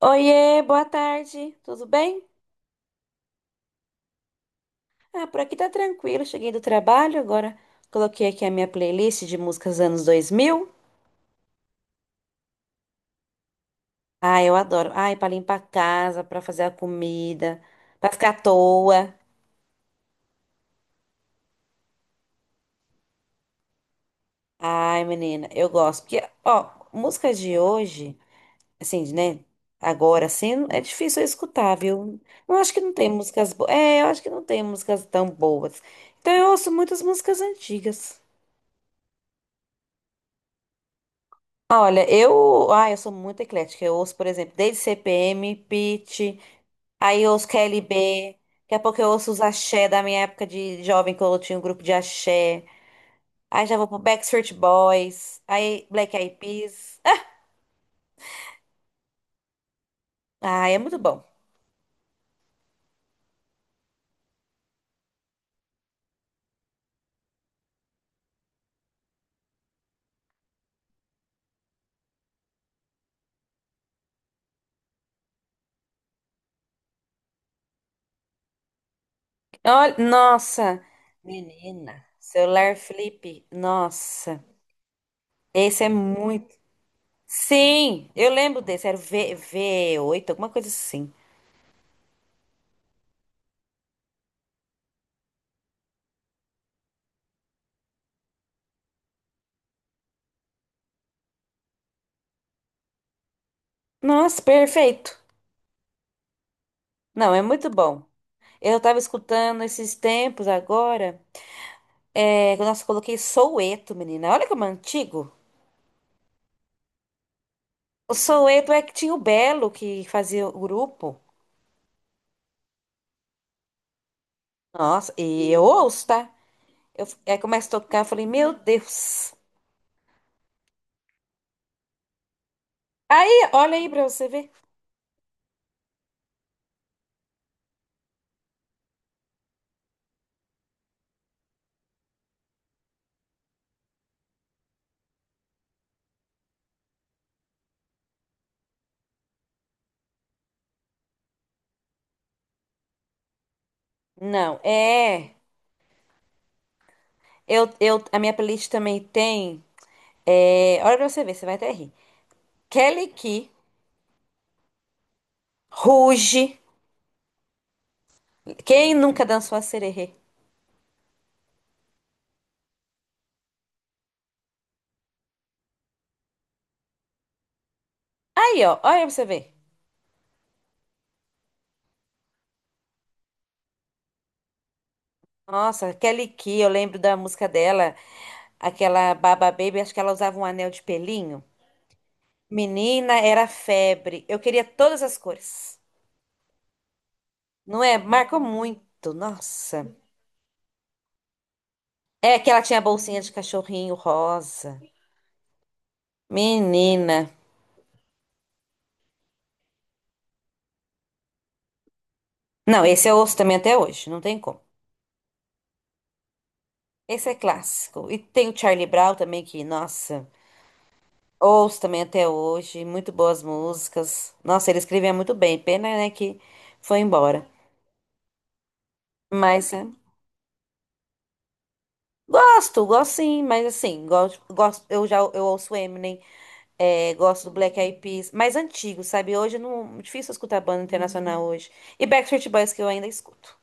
Oiê, boa tarde, tudo bem? Ah, por aqui tá tranquilo, cheguei do trabalho agora. Coloquei aqui a minha playlist de músicas anos 2000. Ah, eu adoro. Ai, pra limpar a casa, pra fazer a comida, pra ficar à toa. Ai, menina, eu gosto. Porque, ó, música de hoje, assim, né? Agora, assim, é difícil eu escutar, viu? Eu acho que não tem músicas boas. É, eu acho que não tem músicas tão boas. Então eu ouço muitas músicas antigas. Olha, eu sou muito eclética. Eu ouço, por exemplo, desde CPM, Pitty, aí eu ouço KLB. Daqui a pouco eu ouço os axé da minha época de jovem, que eu tinha um grupo de axé. Aí já vou pro Backstreet Boys, aí Black Eyed Peas. Ah, é muito bom. Olha, nossa, menina, celular flip, nossa, esse é muito. Sim, eu lembro desse, era o V, V8, alguma coisa assim. Nossa, perfeito. Não, é muito bom. Eu tava escutando esses tempos agora. É, nossa, coloquei Soueto, menina. Olha como é antigo. O Soueto é que tinha o Belo que fazia o grupo. Nossa, e eu ouço, tá? Eu, aí começa a tocar, eu falei, meu Deus. Aí, olha aí pra você ver. Não, é. A minha playlist também tem. É, olha pra você ver, você vai até rir. Kelly Key, Ruge. Quem nunca dançou a sererê? Aí, ó, olha pra você ver. Nossa, Kelly Key, eu lembro da música dela. Aquela Baba Baby, acho que ela usava um anel de pelinho. Menina, era febre. Eu queria todas as cores. Não é? Marcou muito. Nossa. É que ela tinha a bolsinha de cachorrinho rosa. Menina. Não, esse eu ouço também até hoje. Não tem como. Esse é clássico. E tem o Charlie Brown também, que, nossa, ouço também até hoje. Muito boas músicas. Nossa, ele escrevia muito bem. Pena, né, que foi embora. Mas. É. Gosto, gosto sim, mas assim, gosto, gosto, eu já eu ouço Eminem, é, gosto do Black Eyed Peas, mais antigo, sabe? Hoje não, difícil escutar banda internacional hoje. E Backstreet Boys que eu ainda escuto.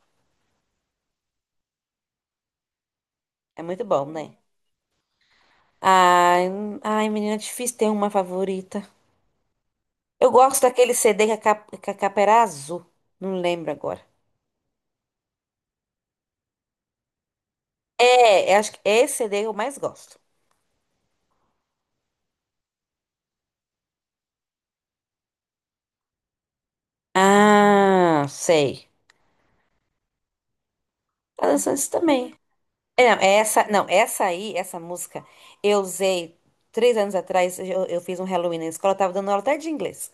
É muito bom, né? Ai, menina, é difícil ter uma favorita. Eu gosto daquele CD que a capa era azul. Não lembro agora. É, eu acho que esse CD eu mais gosto. Ah, sei. Tá dançando isso também. É, não, essa, não, essa aí, essa música, eu usei 3 anos atrás. Eu fiz um Halloween na escola, eu tava dando aula até de inglês.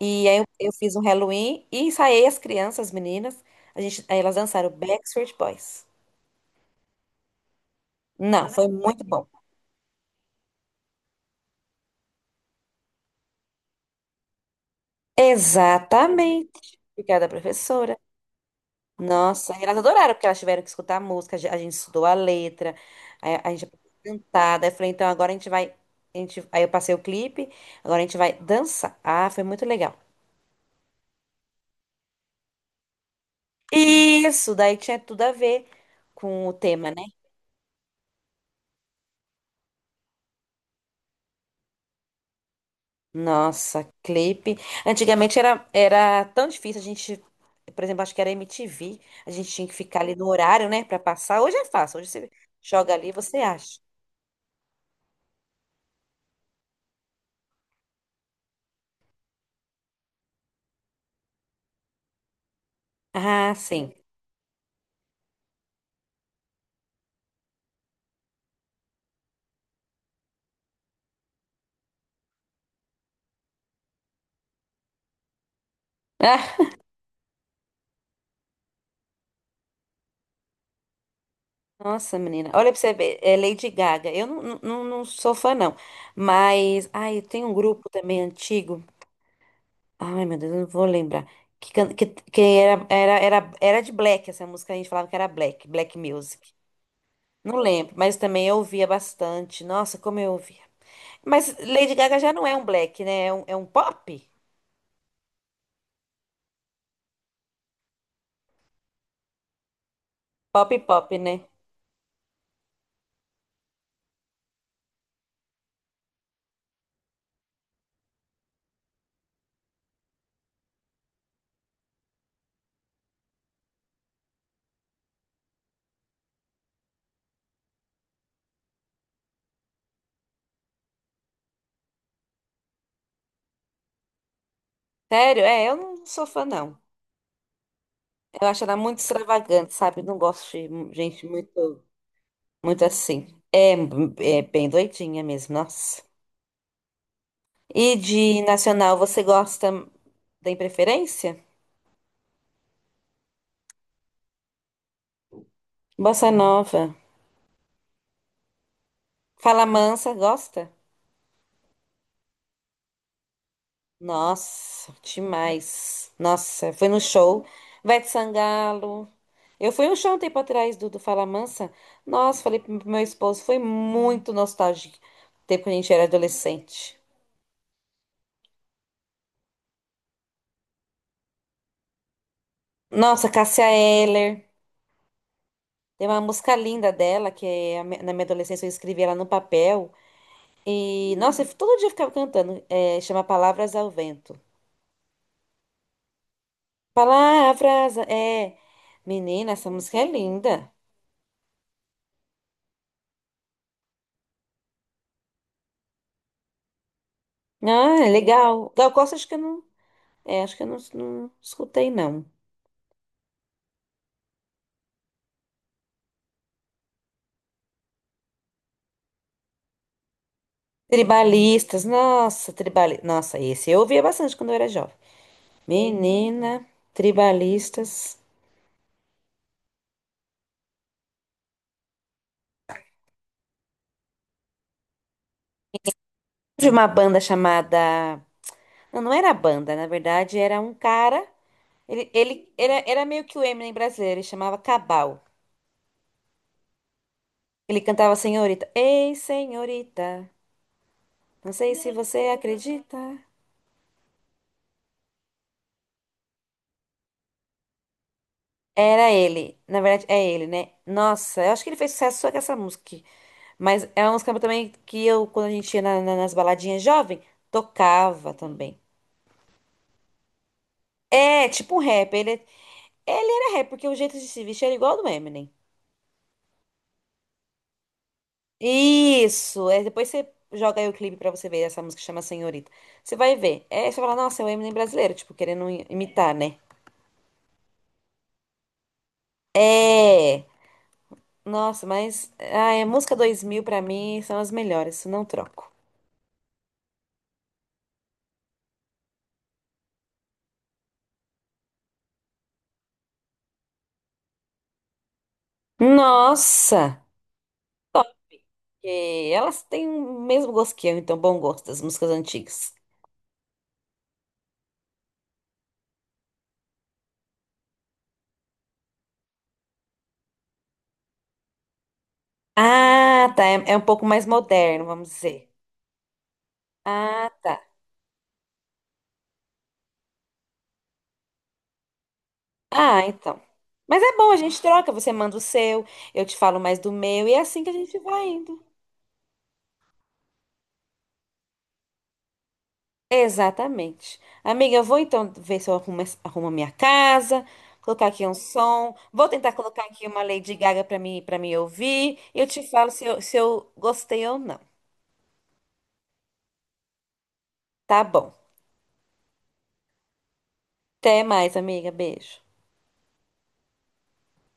E aí eu fiz um Halloween e ensaiei as crianças, as meninas. A gente, aí elas dançaram Backstreet Boys. Não, foi muito bom. Exatamente. Obrigada, professora. Nossa, e elas adoraram, porque elas tiveram que escutar a música, a gente estudou a letra, a gente aprendeu a cantar. Daí eu falei, então agora a gente vai. A gente, aí eu passei o clipe, agora a gente vai dançar. Ah, foi muito legal. Isso, daí tinha tudo a ver com o tema, né? Nossa, clipe. Antigamente era, era tão difícil a gente, por exemplo, acho que era MTV, a gente tinha que ficar ali no horário, né, pra passar. Hoje é fácil, hoje você joga ali e você acha. Ah, sim. Ah, nossa, menina. Olha pra você ver, é Lady Gaga. Eu não, não, não sou fã, não. Mas, ai, tem um grupo também antigo. Ai, meu Deus, eu não vou lembrar. Que, que era, de Black, essa música a gente falava que era Black, Black Music. Não lembro, mas também eu ouvia bastante. Nossa, como eu ouvia. Mas Lady Gaga já não é um black, né? É um pop? Pop, pop, né? Sério? É, eu não sou fã, não. Eu acho ela muito extravagante, sabe? Não gosto de gente muito, muito assim. É, é bem doidinha mesmo, nossa. E de nacional, você gosta, tem preferência? Bossa nova. Fala mansa, gosta? Nossa, demais. Nossa, foi no show. Ivete Sangalo. Eu fui no show um tempo atrás do Fala Mansa. Nossa, falei pro meu esposo, foi muito nostálgico. O tempo que a gente era adolescente. Nossa, Cássia Eller. Tem uma música linda dela, que é na minha adolescência eu escrevi ela no papel. E, nossa, eu todo dia eu ficava cantando. É, chama Palavras ao Vento. Palavras, é. Menina, essa música é linda. Ah, é legal. Gal Costa, acho que eu não. É, acho que eu não, não escutei, não. Tribalistas. Nossa, esse eu ouvia bastante quando eu era jovem. Menina, tribalistas. De uma banda chamada. Não, não era banda, na verdade, era um cara. Ele era, era meio que o Eminem brasileiro, ele chamava Cabal. Ele cantava Senhorita. Ei, senhorita, não sei se você acredita. Era ele. Na verdade, é ele, né? Nossa, eu acho que ele fez sucesso só com essa música. Mas é uma música também que eu, quando a gente ia nas baladinhas jovem, tocava também. É, tipo um rap. Ele era rap, porque o jeito de se vestir era igual ao do Eminem. Isso! É, depois você joga aí o clipe pra você ver essa música chama Senhorita. Você vai ver. É, você fala, nossa, é o Eminem brasileiro, tipo, querendo imitar, né? É! Nossa, mas. Ah, é música 2000 pra mim são as melhores, isso não troco. Nossa! Que elas têm o mesmo gosto que eu, então bom gosto das músicas antigas. Ah, tá. É, é um pouco mais moderno, vamos dizer. Ah, tá. Ah, então. Mas é bom, a gente troca. Você manda o seu, eu te falo mais do meu, e é assim que a gente vai indo. Exatamente. Amiga, eu vou então ver se eu arrumo, arrumo a minha casa, colocar aqui um som. Vou tentar colocar aqui uma Lady Gaga para mim, para me ouvir. E eu te falo se eu, se eu gostei ou não. Tá bom. Até mais, amiga. Beijo.